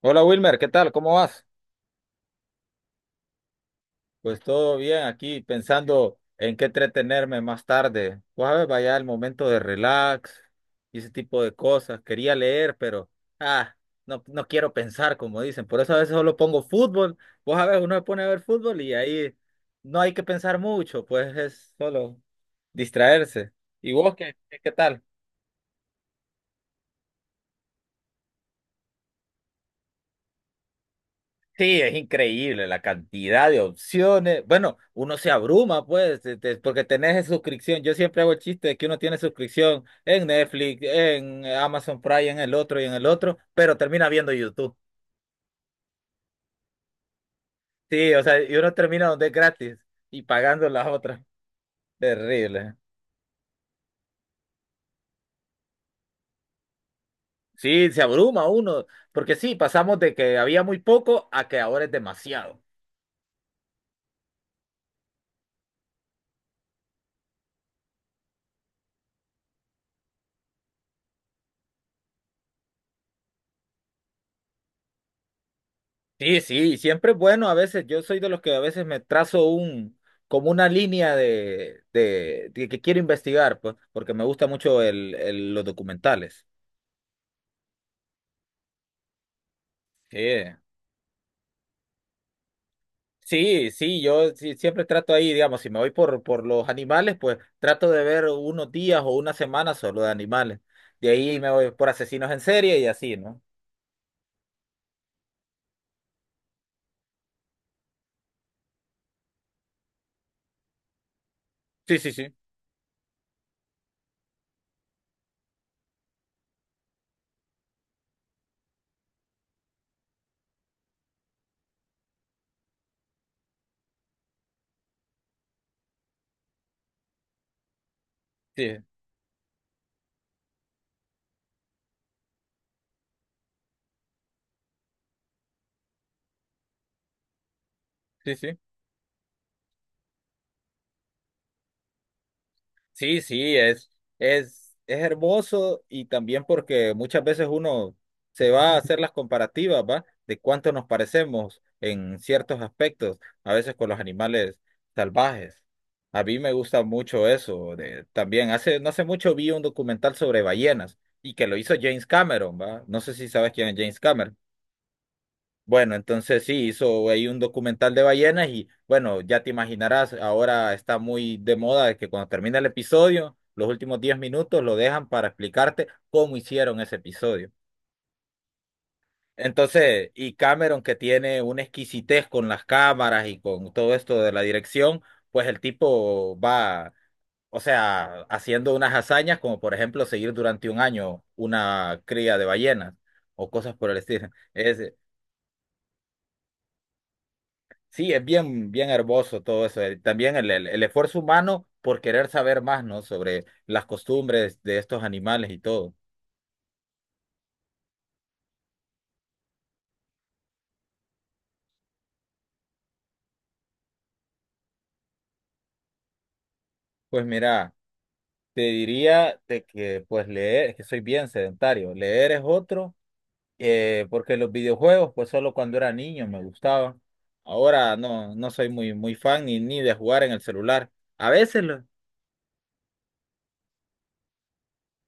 Hola Wilmer, ¿qué tal? ¿Cómo vas? Pues todo bien aquí pensando en qué entretenerme más tarde. Pues a ver, vaya el momento de relax y ese tipo de cosas. Quería leer, pero ah, no, no quiero pensar, como dicen. Por eso a veces solo pongo fútbol. Pues a ver, uno se pone a ver fútbol y ahí no hay que pensar mucho, pues es solo distraerse. ¿Y vos qué, qué tal? Sí, es increíble la cantidad de opciones. Bueno, uno se abruma, pues, porque tenés suscripción. Yo siempre hago el chiste de que uno tiene suscripción en Netflix, en Amazon Prime, en el otro y en el otro, pero termina viendo YouTube. Sí, o sea, y uno termina donde es gratis y pagando las otras. Terrible. Sí, se abruma uno, porque sí, pasamos de que había muy poco a que ahora es demasiado. Sí, sí, siempre es bueno a veces. Yo soy de los que a veces me trazo un, como una línea de, que quiero investigar, pues, porque me gusta mucho los documentales. Sí, sí, sí, siempre trato ahí, digamos, si me voy por los animales, pues trato de ver unos días o una semana solo de animales. De ahí me voy por asesinos en serie y así, ¿no? Sí, sí, sí, sí, sí, sí. Sí, sí, es hermoso. Y también porque muchas veces uno se va a hacer las comparativas, ¿va? De cuánto nos parecemos en ciertos aspectos, a veces con los animales salvajes. A mí me gusta mucho eso. También hace, no hace mucho vi un documental sobre ballenas y que lo hizo James Cameron, ¿va? No sé si sabes quién es James Cameron. Bueno, entonces sí, hizo ahí un documental de ballenas y bueno, ya te imaginarás, ahora está muy de moda de que cuando termina el episodio, los últimos 10 minutos lo dejan para explicarte cómo hicieron ese episodio. Entonces, y Cameron que tiene una exquisitez con las cámaras y con todo esto de la dirección, pues el tipo va, o sea, haciendo unas hazañas como por ejemplo seguir durante 1 año una cría de ballenas o cosas por el estilo. Es, Sí, es bien, bien hermoso todo eso. También el esfuerzo humano por querer saber más, ¿no? Sobre las costumbres de estos animales y todo. Pues mira, te diría de que pues leer, es que soy bien sedentario. Leer es otro, porque los videojuegos, pues solo cuando era niño me gustaban. Ahora no, no soy muy, muy fan ni, ni de jugar en el celular. A veces lo-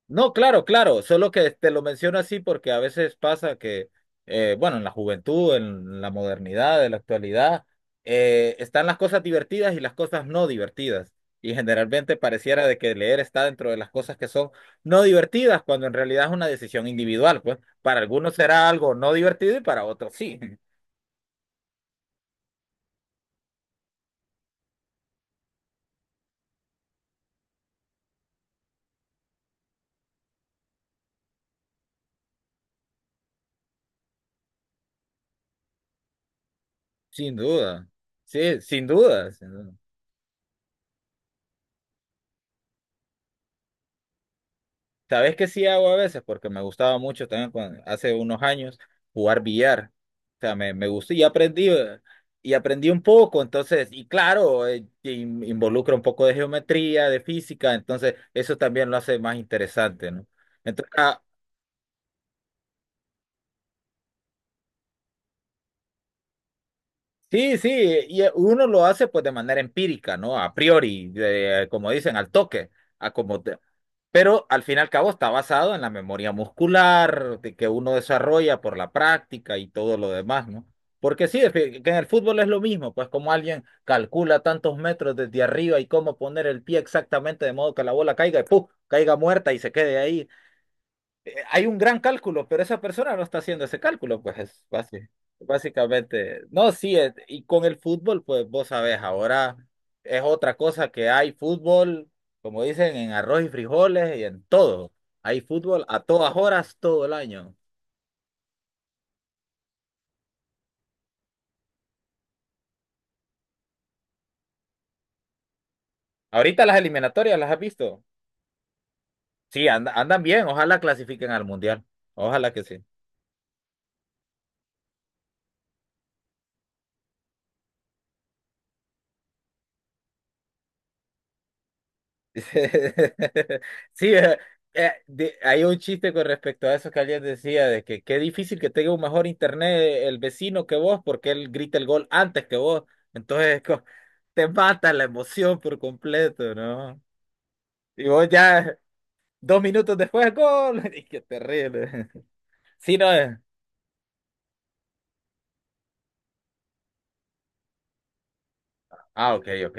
No, claro, claro, solo que te lo menciono así porque a veces pasa que, bueno, en la juventud, en la modernidad, en la actualidad, están las cosas divertidas y las cosas no divertidas. Y generalmente pareciera de que leer está dentro de las cosas que son no divertidas, cuando en realidad es una decisión individual, pues para algunos será algo no divertido y para otros sí. Sin duda, sí, sin duda. Sin duda. ¿Sabes qué sí hago a veces? Porque me gustaba mucho también hace unos años jugar billar. O sea, me gustó y aprendí un poco. Entonces, y claro, involucra un poco de geometría, de física. Entonces, eso también lo hace más interesante, ¿no? Entonces, sí, sí, y uno lo hace pues de manera empírica, ¿no? A priori, como dicen, al toque, a como te- pero al fin y al cabo está basado en la memoria muscular de que uno desarrolla por la práctica y todo lo demás, ¿no? Porque sí, que en el fútbol es lo mismo, pues como alguien calcula tantos metros desde arriba y cómo poner el pie exactamente de modo que la bola caiga y ¡puf! Caiga muerta y se quede ahí. Hay un gran cálculo, pero esa persona no está haciendo ese cálculo, pues es básicamente. No, sí, y con el fútbol, pues vos sabés, ahora es otra cosa que hay fútbol, como dicen, en arroz y frijoles y en todo. Hay fútbol a todas horas, todo el año. Ahorita las eliminatorias, ¿las has visto? Sí, andan bien, ojalá clasifiquen al mundial. Ojalá que sí. Sí, hay un chiste con respecto a eso que alguien decía, de que qué difícil que tenga un mejor internet el vecino que vos, porque él grita el gol antes que vos. Entonces, te mata la emoción por completo, ¿no? Y vos ya 2 minutos después, gol. Y qué terrible. Sí, no es. Ah, ok, ok.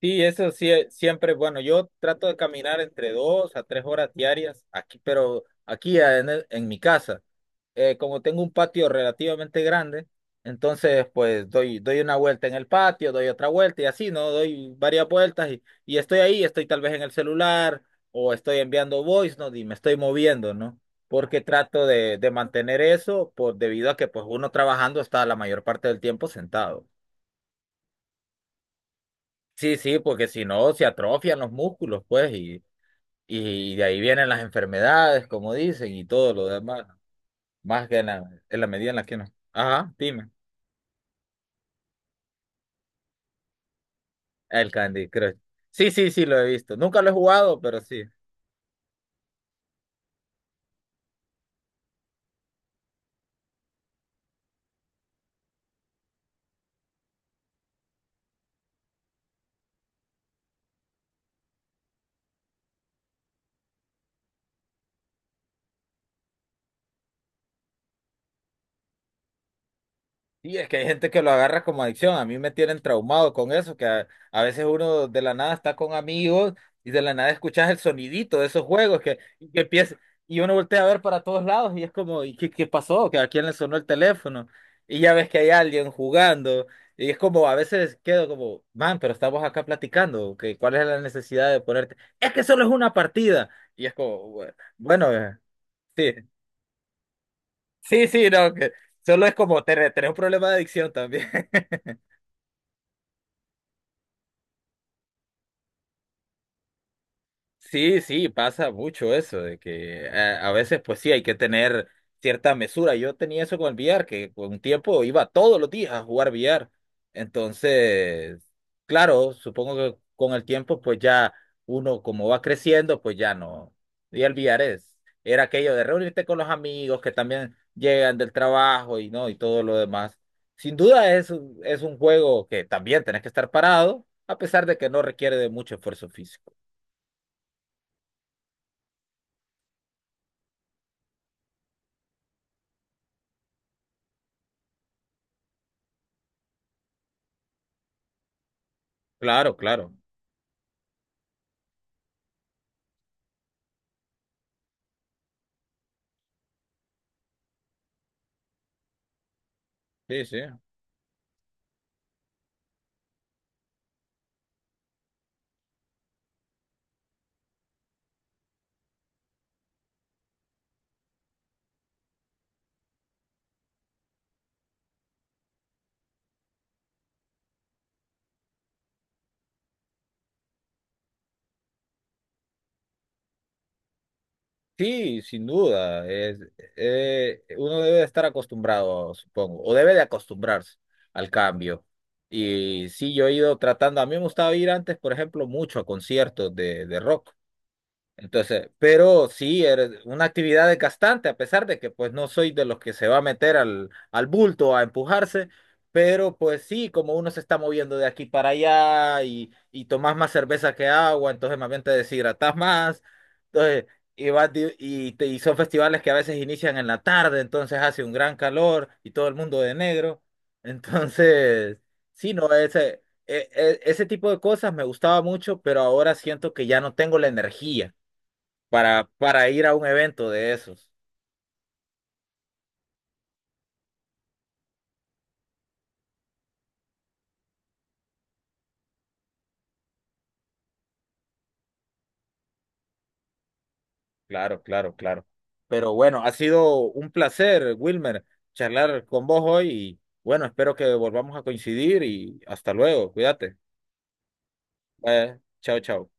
Sí, eso sí, siempre, bueno, yo trato de caminar entre 2 a 3 horas diarias aquí, pero aquí en mi casa. Como tengo un patio relativamente grande, entonces pues doy, doy una vuelta en el patio, doy otra vuelta y así, ¿no? Doy varias vueltas y estoy ahí, estoy tal vez en el celular o estoy enviando voice note y me estoy moviendo, ¿no? Porque trato de mantener eso por, debido a que pues uno trabajando está la mayor parte del tiempo sentado. Sí, sí, porque si no se atrofian los músculos, pues, y de ahí vienen las enfermedades, como dicen, y todo lo demás, ¿no? Más que en la medida en la que no. Ajá, dime. El Candy Crush. Sí, sí, sí, lo he visto. Nunca lo he jugado, pero sí. Y es que hay gente que lo agarra como adicción. A mí me tienen traumado con eso, que a veces uno de la nada está con amigos y de la nada escuchas el sonidito de esos juegos que, y que empieza, y uno voltea a ver para todos lados y es como, ¿y qué, qué pasó? ¿Que a quién le sonó el teléfono? Y ya ves que hay alguien jugando. Y es como, a veces quedo como, man, pero estamos acá platicando, que ¿cuál es la necesidad de ponerte? Es que solo es una partida. Y es como, bueno, bueno, sí. Sí, sí, no, que solo es como tener, tener un problema de adicción también. Sí, sí, pasa mucho eso, de que a veces pues sí hay que tener cierta mesura. Yo tenía eso con el billar, que con un tiempo iba todos los días a jugar billar. Entonces, claro, supongo que con el tiempo pues ya uno como va creciendo pues ya no. Y el billar es, era aquello de reunirte con los amigos que también llegan del trabajo y no, y todo lo demás. Sin duda es, es un juego que también tenés que estar parado, a pesar de que no requiere de mucho esfuerzo físico. Claro, claro. Sí, sí. Sí, sin duda. Es, uno debe de estar acostumbrado, supongo, o debe de acostumbrarse al cambio. Y sí, yo he ido tratando, a mí me gustaba ir antes, por ejemplo, mucho a conciertos de rock. Entonces, pero sí, eres una actividad desgastante, a pesar de que pues no soy de los que se va a meter al, al bulto a empujarse, pero pues sí, como uno se está moviendo de aquí para allá y tomas más cerveza que agua, entonces más bien te deshidratas más, entonces, y, vas di- y, te- y son festivales que a veces inician en la tarde, entonces hace un gran calor y todo el mundo de negro, entonces, sí, no, ese tipo de cosas me gustaba mucho, pero ahora siento que ya no tengo la energía para ir a un evento de esos. Claro, claro, claro. Pero bueno, ha sido un placer, Wilmer, charlar con vos hoy y bueno, espero que volvamos a coincidir y hasta luego. Cuídate. Chao, chao.